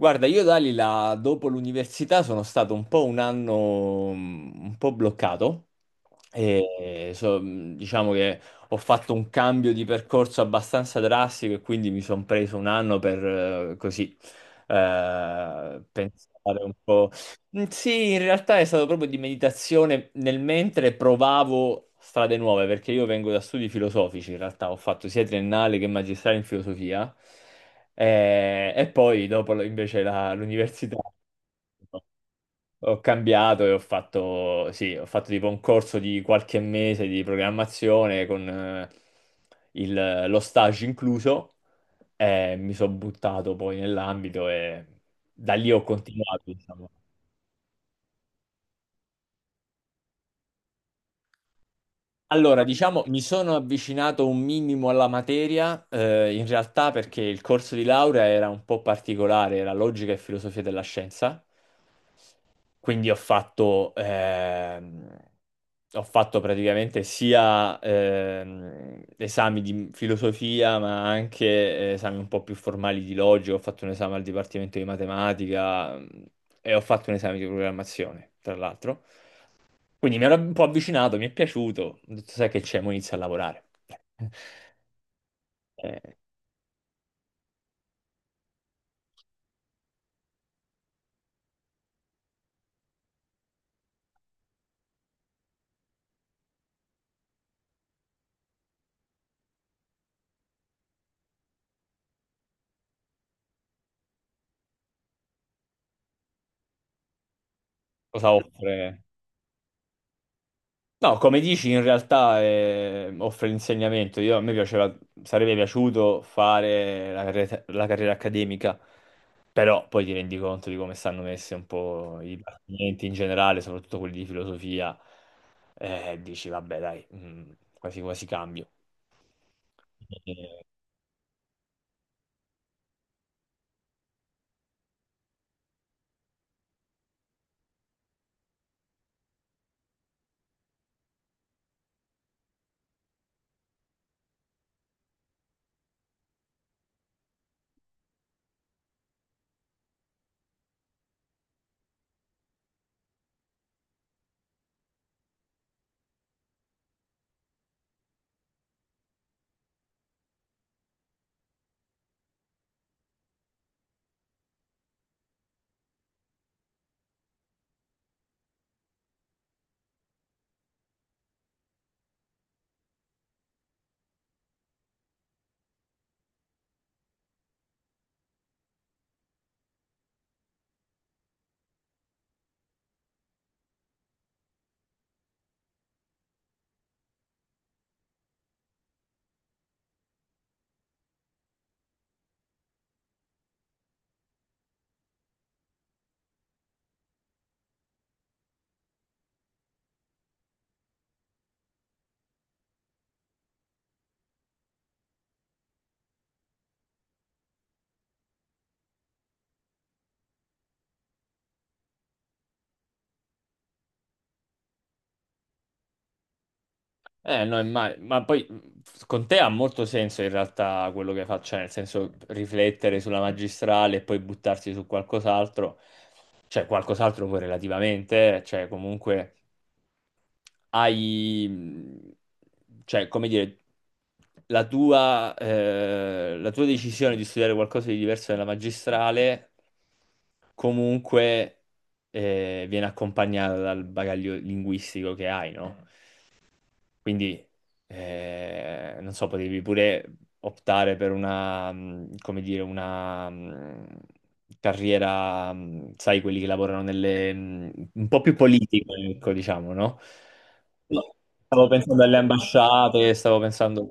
Guarda, io Dalila, dopo l'università sono stato un po' un anno un po' bloccato e diciamo che ho fatto un cambio di percorso abbastanza drastico e quindi mi sono preso un anno per così pensare un po'. Mm, sì, in realtà è stato proprio di meditazione nel mentre provavo strade nuove, perché io vengo da studi filosofici, in realtà ho fatto sia triennale che magistrale in filosofia. E poi dopo invece l'università ho cambiato e ho fatto, sì, ho fatto tipo un corso di qualche mese di programmazione con lo stage incluso e mi sono buttato poi nell'ambito e da lì ho continuato, diciamo. Allora, diciamo, mi sono avvicinato un minimo alla materia, in realtà perché il corso di laurea era un po' particolare, era logica e filosofia della scienza. Quindi ho fatto praticamente sia esami di filosofia, ma anche esami un po' più formali di logica. Ho fatto un esame al dipartimento di matematica e ho fatto un esame di programmazione, tra l'altro. Quindi mi ero un po' avvicinato, mi è piaciuto. Ho detto, sai che c'è, mo inizio a lavorare. Eh, cosa offre? No, come dici, in realtà offre l'insegnamento. Io, a me piaceva, sarebbe piaciuto fare la carriera accademica, però poi ti rendi conto di come stanno messe un po' i dipartimenti in generale, soprattutto quelli di filosofia, dici, vabbè, dai, quasi quasi cambio. Eh, no, ma poi con te ha molto senso in realtà quello che faccio, cioè, nel senso riflettere sulla magistrale e poi buttarsi su qualcos'altro, cioè qualcos'altro poi relativamente, cioè comunque hai, cioè come dire, la tua decisione di studiare qualcosa di diverso nella magistrale comunque viene accompagnata dal bagaglio linguistico che hai, no? Quindi, non so, potevi pure optare per una, come dire, una carriera, sai, quelli che lavorano nelle, un po' più politica, ecco, diciamo, no? No, stavo pensando alle ambasciate, stavo pensando...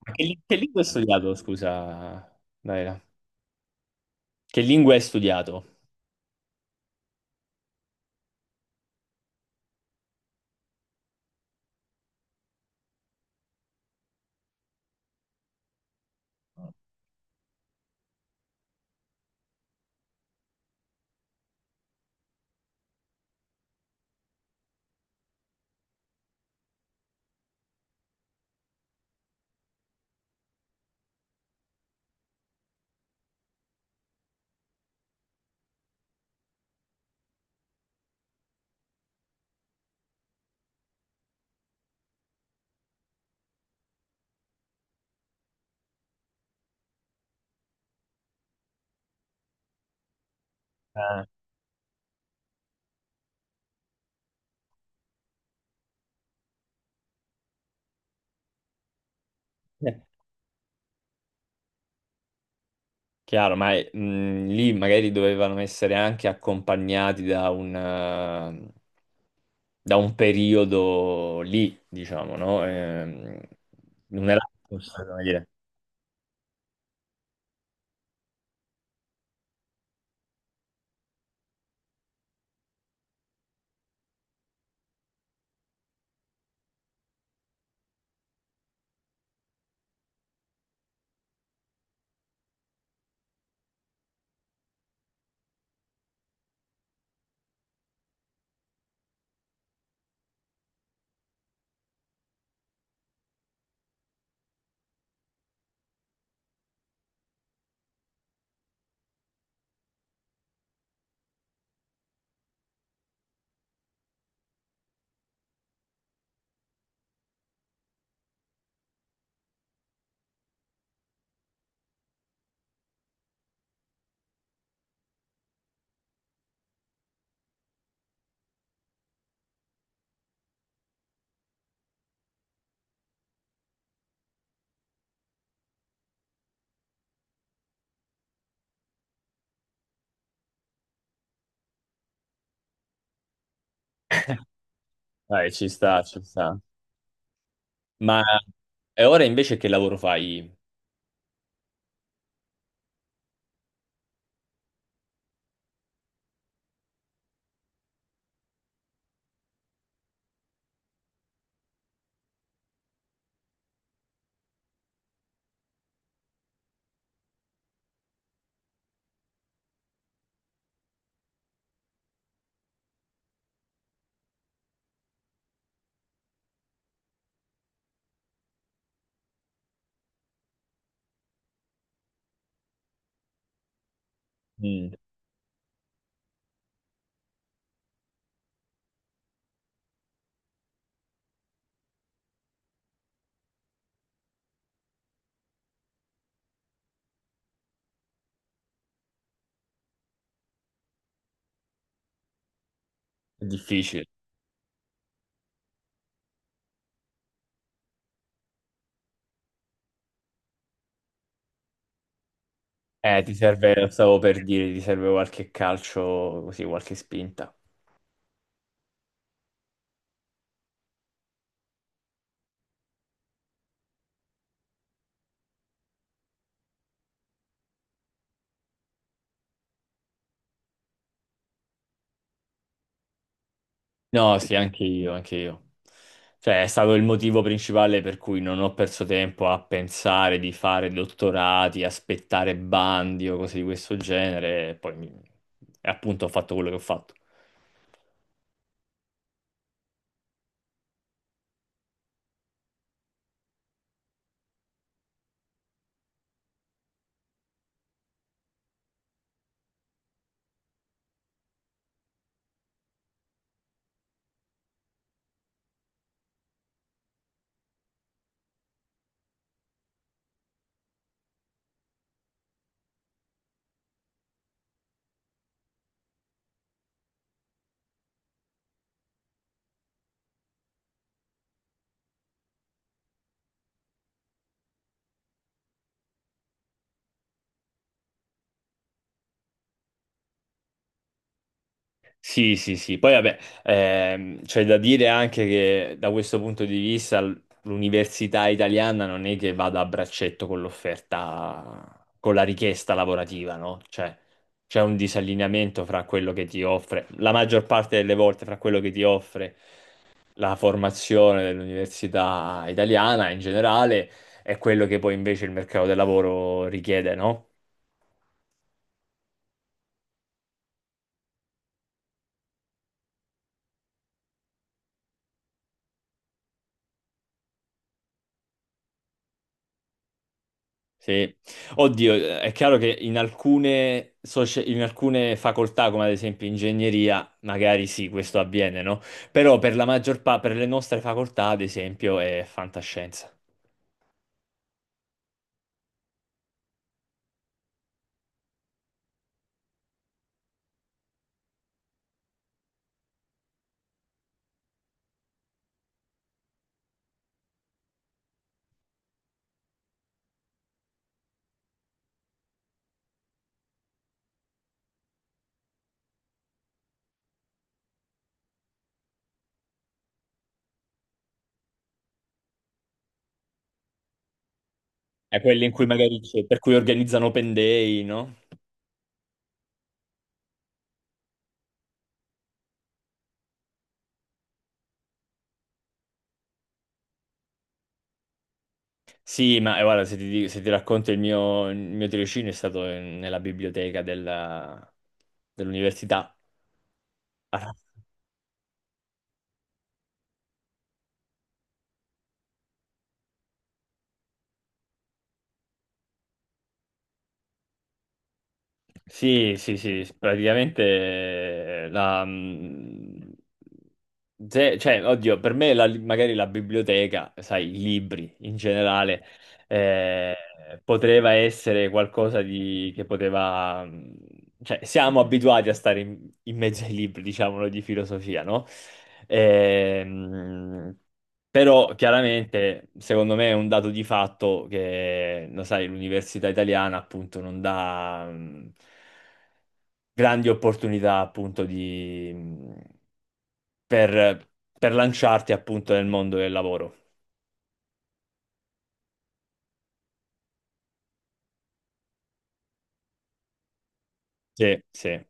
Che lingua hai studiato, scusa, Daira? Che lingua hai studiato? Ah, eh, Chiaro, ma lì magari dovevano essere anche accompagnati da un periodo lì, diciamo, no? Non era come dire. Dai, ci sta, ci sta. Ma e ora invece che lavoro fai? Mm, è difficile. Ti serve, stavo per dire, ti serve qualche calcio, così, qualche spinta. No, sì, anche io, anche io. Cioè, è stato il motivo principale per cui non ho perso tempo a pensare di fare dottorati, aspettare bandi o cose di questo genere, e poi e appunto ho fatto quello che ho fatto. Sì, sì, sì. Poi vabbè, c'è da dire anche che da questo punto di vista l'università italiana non è che vada a braccetto con l'offerta, con la richiesta lavorativa, no? Cioè, c'è un disallineamento fra quello che ti offre, la maggior parte delle volte fra quello che ti offre la formazione dell'università italiana in generale e quello che poi invece il mercato del lavoro richiede, no? Sì, oddio, è chiaro che in alcune, in alcune facoltà, come ad esempio ingegneria, magari sì, questo avviene, no? Però per la maggior parte, per le nostre facoltà, ad esempio, è fantascienza. È quelle in cui magari c'è, per cui organizzano open day, no? Sì, ma guarda, se ti, se ti racconto il mio tirocinio è stato nella biblioteca dell'università. Sì, sì, sì, praticamente la... cioè, oddio, per me magari la biblioteca, sai, i libri in generale, eh, poteva essere qualcosa di... che poteva... cioè, siamo abituati a stare in, in mezzo ai libri, diciamolo, di filosofia, no? Ehm, però, chiaramente, secondo me è un dato di fatto che, lo sai, l'università italiana appunto non dà... grandi opportunità appunto di, per, per lanciarti appunto nel mondo del lavoro. Sì, sì.